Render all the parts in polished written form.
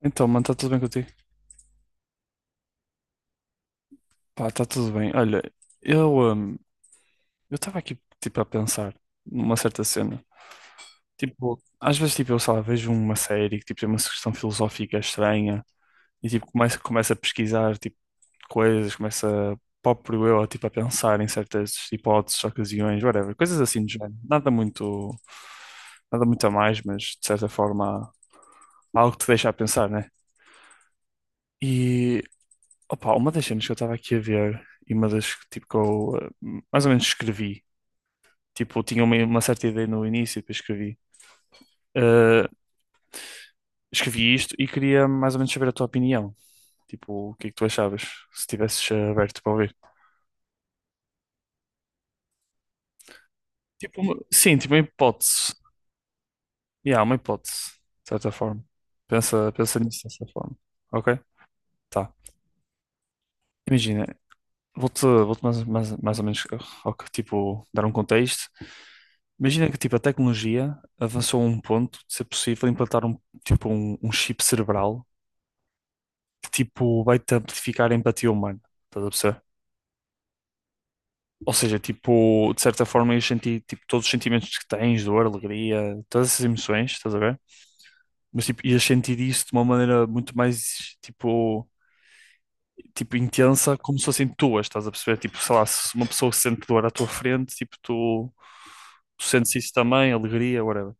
Então, mano, está tudo bem contigo? Pá, está tudo bem. Olha, eu hum, eu estava aqui tipo a pensar numa certa cena. Tipo, às vezes tipo eu sei lá, vejo uma série que tipo tem uma questão filosófica estranha e tipo começo a pesquisar tipo coisas, começo a próprio eu tipo a pensar em certas hipóteses, ocasiões, whatever, coisas assim do género. Nada muito nada muito a mais, mas de certa forma há algo que te deixa a pensar, né? E Opa, uma das cenas que eu estava aqui a ver e uma das que, tipo, que eu mais ou menos escrevi, tipo, eu tinha uma certa ideia no início e depois escrevi. Eh, Escrevi isto e queria mais ou menos saber a tua opinião. Tipo, o que é que tu achavas, se estivesses aberto para ouvir? Tipo, sim, tipo, uma hipótese. E há uma hipótese, de certa forma. Pensa nisso dessa forma. Ok? Tá. Imagina, vou-te mais ou menos ao que, tipo, dar um contexto. Imagina que tipo, a tecnologia avançou a um ponto de ser possível implantar um, tipo, um chip cerebral que tipo, vai-te amplificar a empatia humana. Estás a perceber? Ou seja, tipo, de certa forma ias sentir tipo, todos os sentimentos que tens, dor, alegria, todas essas emoções, estás a ver? Mas tipo, ias sentir isso de uma maneira muito mais tipo tipo, intensa, como se fossem tuas, estás a perceber? Tipo, sei lá, se uma pessoa sente dor à tua frente, tipo, tu sentes isso também, alegria, whatever.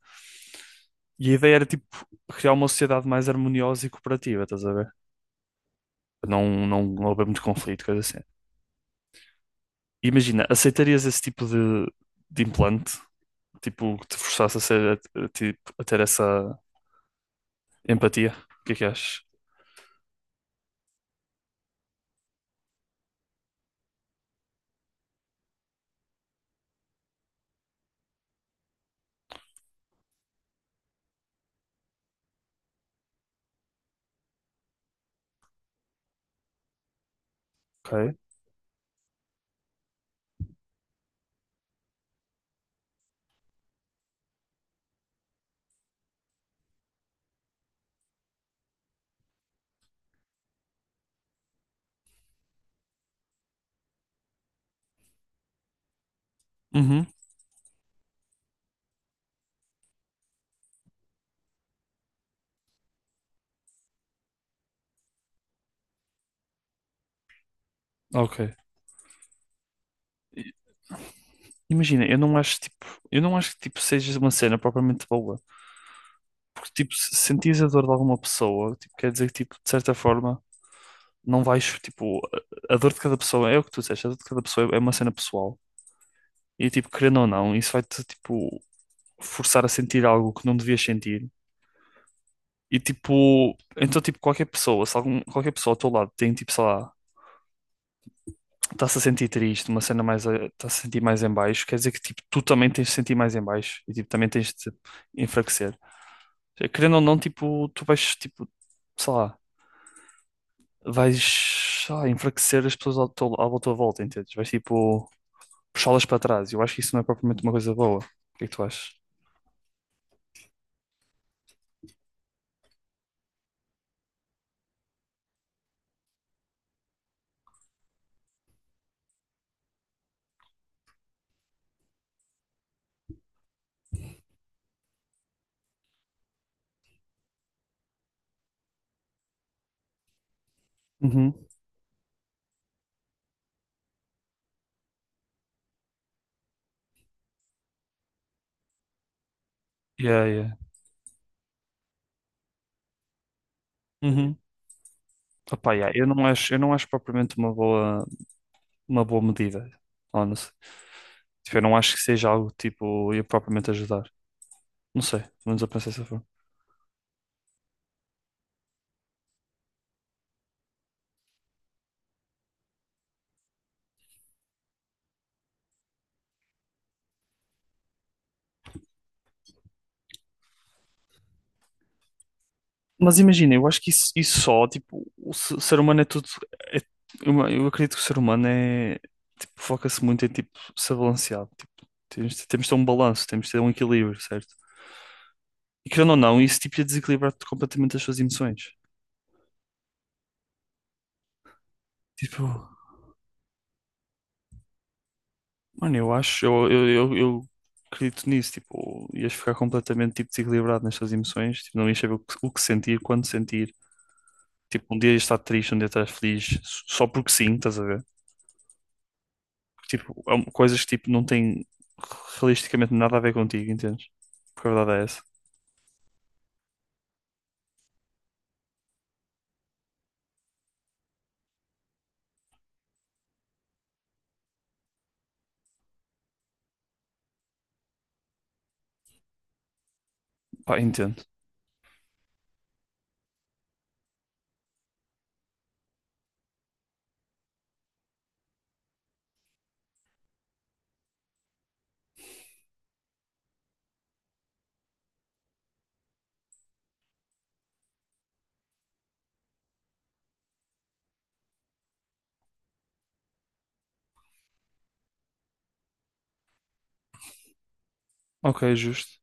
E a ideia era, tipo, criar uma sociedade mais harmoniosa e cooperativa, estás a ver? Não, não, não haver muito conflito, coisa assim. Imagina, aceitarias esse tipo de implante? Tipo, que te forçasse a ser, tipo, a ter essa empatia? O que é que achas? Ok. Uhum, ok. Imagina, eu não acho, tipo, eu não acho que, tipo, seja uma cena propriamente boa. Porque, tipo, se sentires a dor de alguma pessoa, tipo, quer dizer que, tipo, de certa forma, não vais, tipo, a dor de cada pessoa, é o que tu disseste, a dor de cada pessoa é uma cena pessoal. E, tipo, querendo ou não, isso vai-te, tipo, forçar a sentir algo que não devias sentir. E, tipo, então, tipo, qualquer pessoa, se algum, qualquer pessoa ao teu lado tem, tipo, sei lá, está-se a sentir triste, uma cena mais, está-se a sentir mais em baixo, quer dizer que, tipo, tu também tens de sentir mais em baixo e, tipo, também tens de enfraquecer. Querendo ou não, tipo, tu vais, tipo, sei lá vais, sei lá, enfraquecer as pessoas ao à tua volta, entendes? Vais tipo puxá-las para trás. Eu acho que isso não é propriamente uma coisa boa. O que é que tu achas? Uhum, yeah, yeah. Uhum. Opa, yeah, eu não acho propriamente uma boa medida, honestly. Tipo, eu não acho que seja algo tipo, ia propriamente ajudar. Não sei, pelo menos eu penso dessa forma. Mas imagina, eu acho que isso só, tipo, o ser humano é tudo. é- eu acredito que o ser humano é. Tipo, foca-se muito em, tipo, ser balanceado. Tipo, temos de ter um balanço, temos de ter um equilíbrio, certo? E querendo ou não, isso, tipo, ia desequilibrar completamente as suas emoções. Tipo, mano, eu acho, eu acredito nisso. Tipo, ias ficar completamente, tipo, desequilibrado nas suas emoções. Tipo, não ias saber o que sentir, quando sentir. Tipo, um dia ias estar triste, um dia estás feliz, só porque sim, estás a ver? Tipo, há coisas que tipo, não têm realisticamente nada a ver contigo, entendes? Porque a verdade é essa. Pá, entendo. Ok, justo.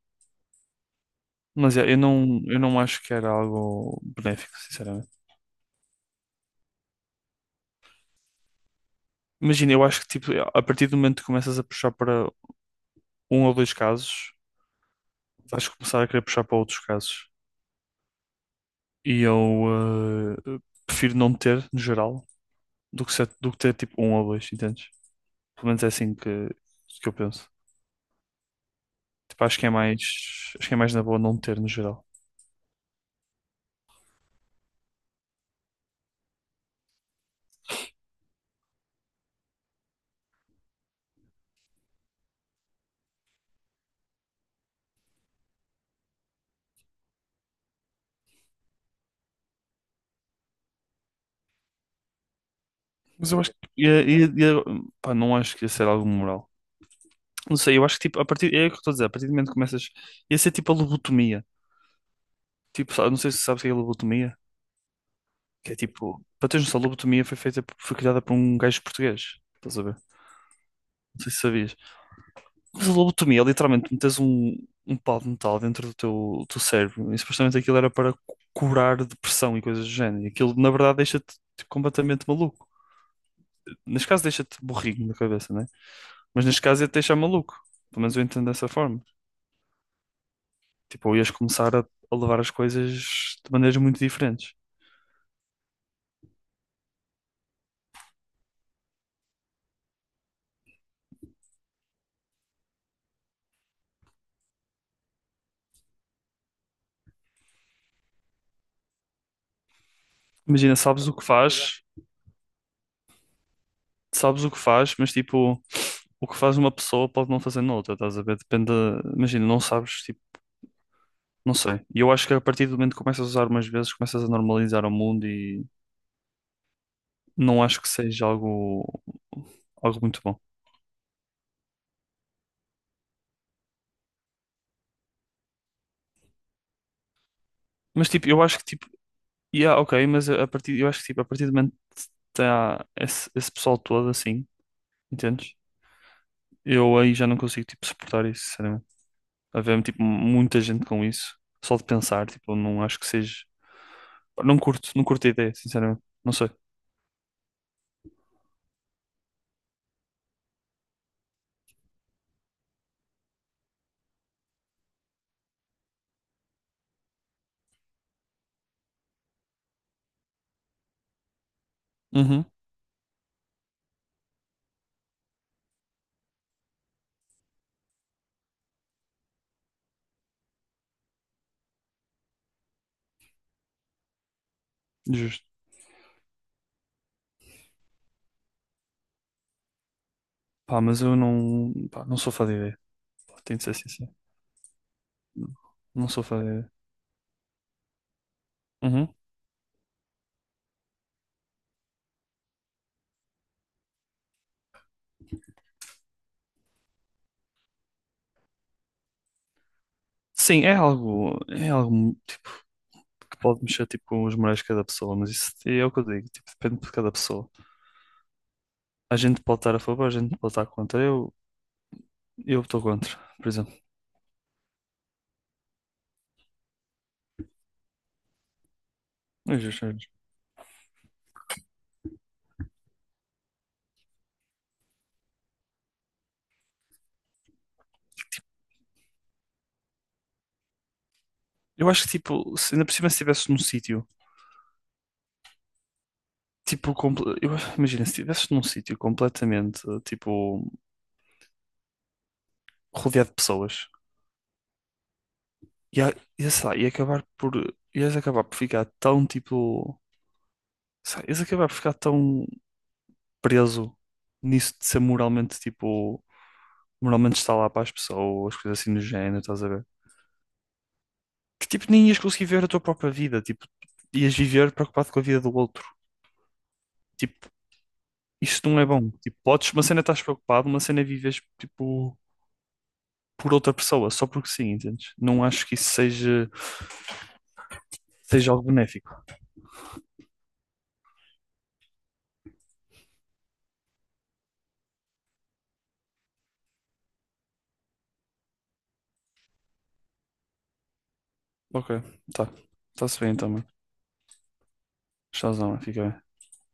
Mas é, eu não acho que era algo benéfico, sinceramente. Imagina, eu acho que tipo, a partir do momento que começas a puxar para um ou dois casos, vais começar a querer puxar para outros casos. E eu prefiro não ter, no geral, do que, do que ter tipo um ou dois, entendes? Pelo menos é assim que eu penso. Tipo, acho que é mais, acho que é mais na boa não ter, no geral. Mas eu acho que ia, pá, não acho que ia ser algo moral. Não sei, eu acho que tipo, a partir, é o que eu estou a dizer, a partir do momento que começas, ia ser tipo a lobotomia. Tipo, não sei se sabes o que é a lobotomia, que é tipo, para teres noção, a lobotomia foi feita, foi criada por um gajo português. Estás a ver? Não sei se sabias. Mas a lobotomia é literalmente metes um, um pau de metal dentro do teu cérebro e supostamente aquilo era para curar depressão e coisas do género. E aquilo, na verdade, deixa-te tipo, completamente maluco. Neste caso, deixa-te burrinho na cabeça, né? Mas neste caso ia-te deixar maluco. Pelo menos eu entendo dessa forma. Tipo, ou ias começar a levar as coisas de maneiras muito diferentes. Imagina, sabes o que faz, sabes o que faz, mas tipo, o que faz uma pessoa pode não fazer noutra, estás a ver? Depende, imagina, não sabes, tipo, não sei. E eu acho que a partir do momento que começas a usar umas vezes, começas a normalizar o mundo e não acho que seja algo, algo muito bom. Mas tipo, eu acho que tipo, yeah, ok, mas a partir, eu acho que tipo, a partir do momento que está esse, esse pessoal todo assim, entendes? Eu aí já não consigo, tipo, suportar isso, sinceramente. Havia, tipo, muita gente com isso. Só de pensar, tipo, eu não acho que seja... Não curto, não curto a ideia, sinceramente. Não sei. Uhum, justo. Pá, mas eu não, pá, não sou fã de ideia. Pá, tenho de ser sincero. Não, não sou fã de ideia. Uhum. Sim, é algo tipo, que pode mexer tipo, com os morais de cada pessoa, mas isso é o que eu digo, tipo, depende de cada pessoa. A gente pode estar a favor, a gente pode estar contra. Eu estou contra, por exemplo. Eu já- já- eu acho que, tipo, se, ainda por cima se estivesses num sítio, tipo, imagina, se estivesses num sítio completamente, tipo, rodeado de pessoas, sei lá, ia acabar por, ias acabar por ficar tão, tipo, sei lá, ias acabar por ficar tão preso nisso de ser moralmente, tipo, moralmente estar lá para as pessoas, coisas assim do género, estás a ver? Que, tipo, nem ias conseguir ver a tua própria vida, tipo, ias viver preocupado com a vida do outro. Tipo, isto não é bom. Tipo, podes, uma cena estás preocupado, uma cena vives tipo por outra pessoa, só porque sim, entendes? Não acho que isso seja, seja algo benéfico. Ok, tá. Está-se bem então, mano. Tchauzão, mano. Fica bem.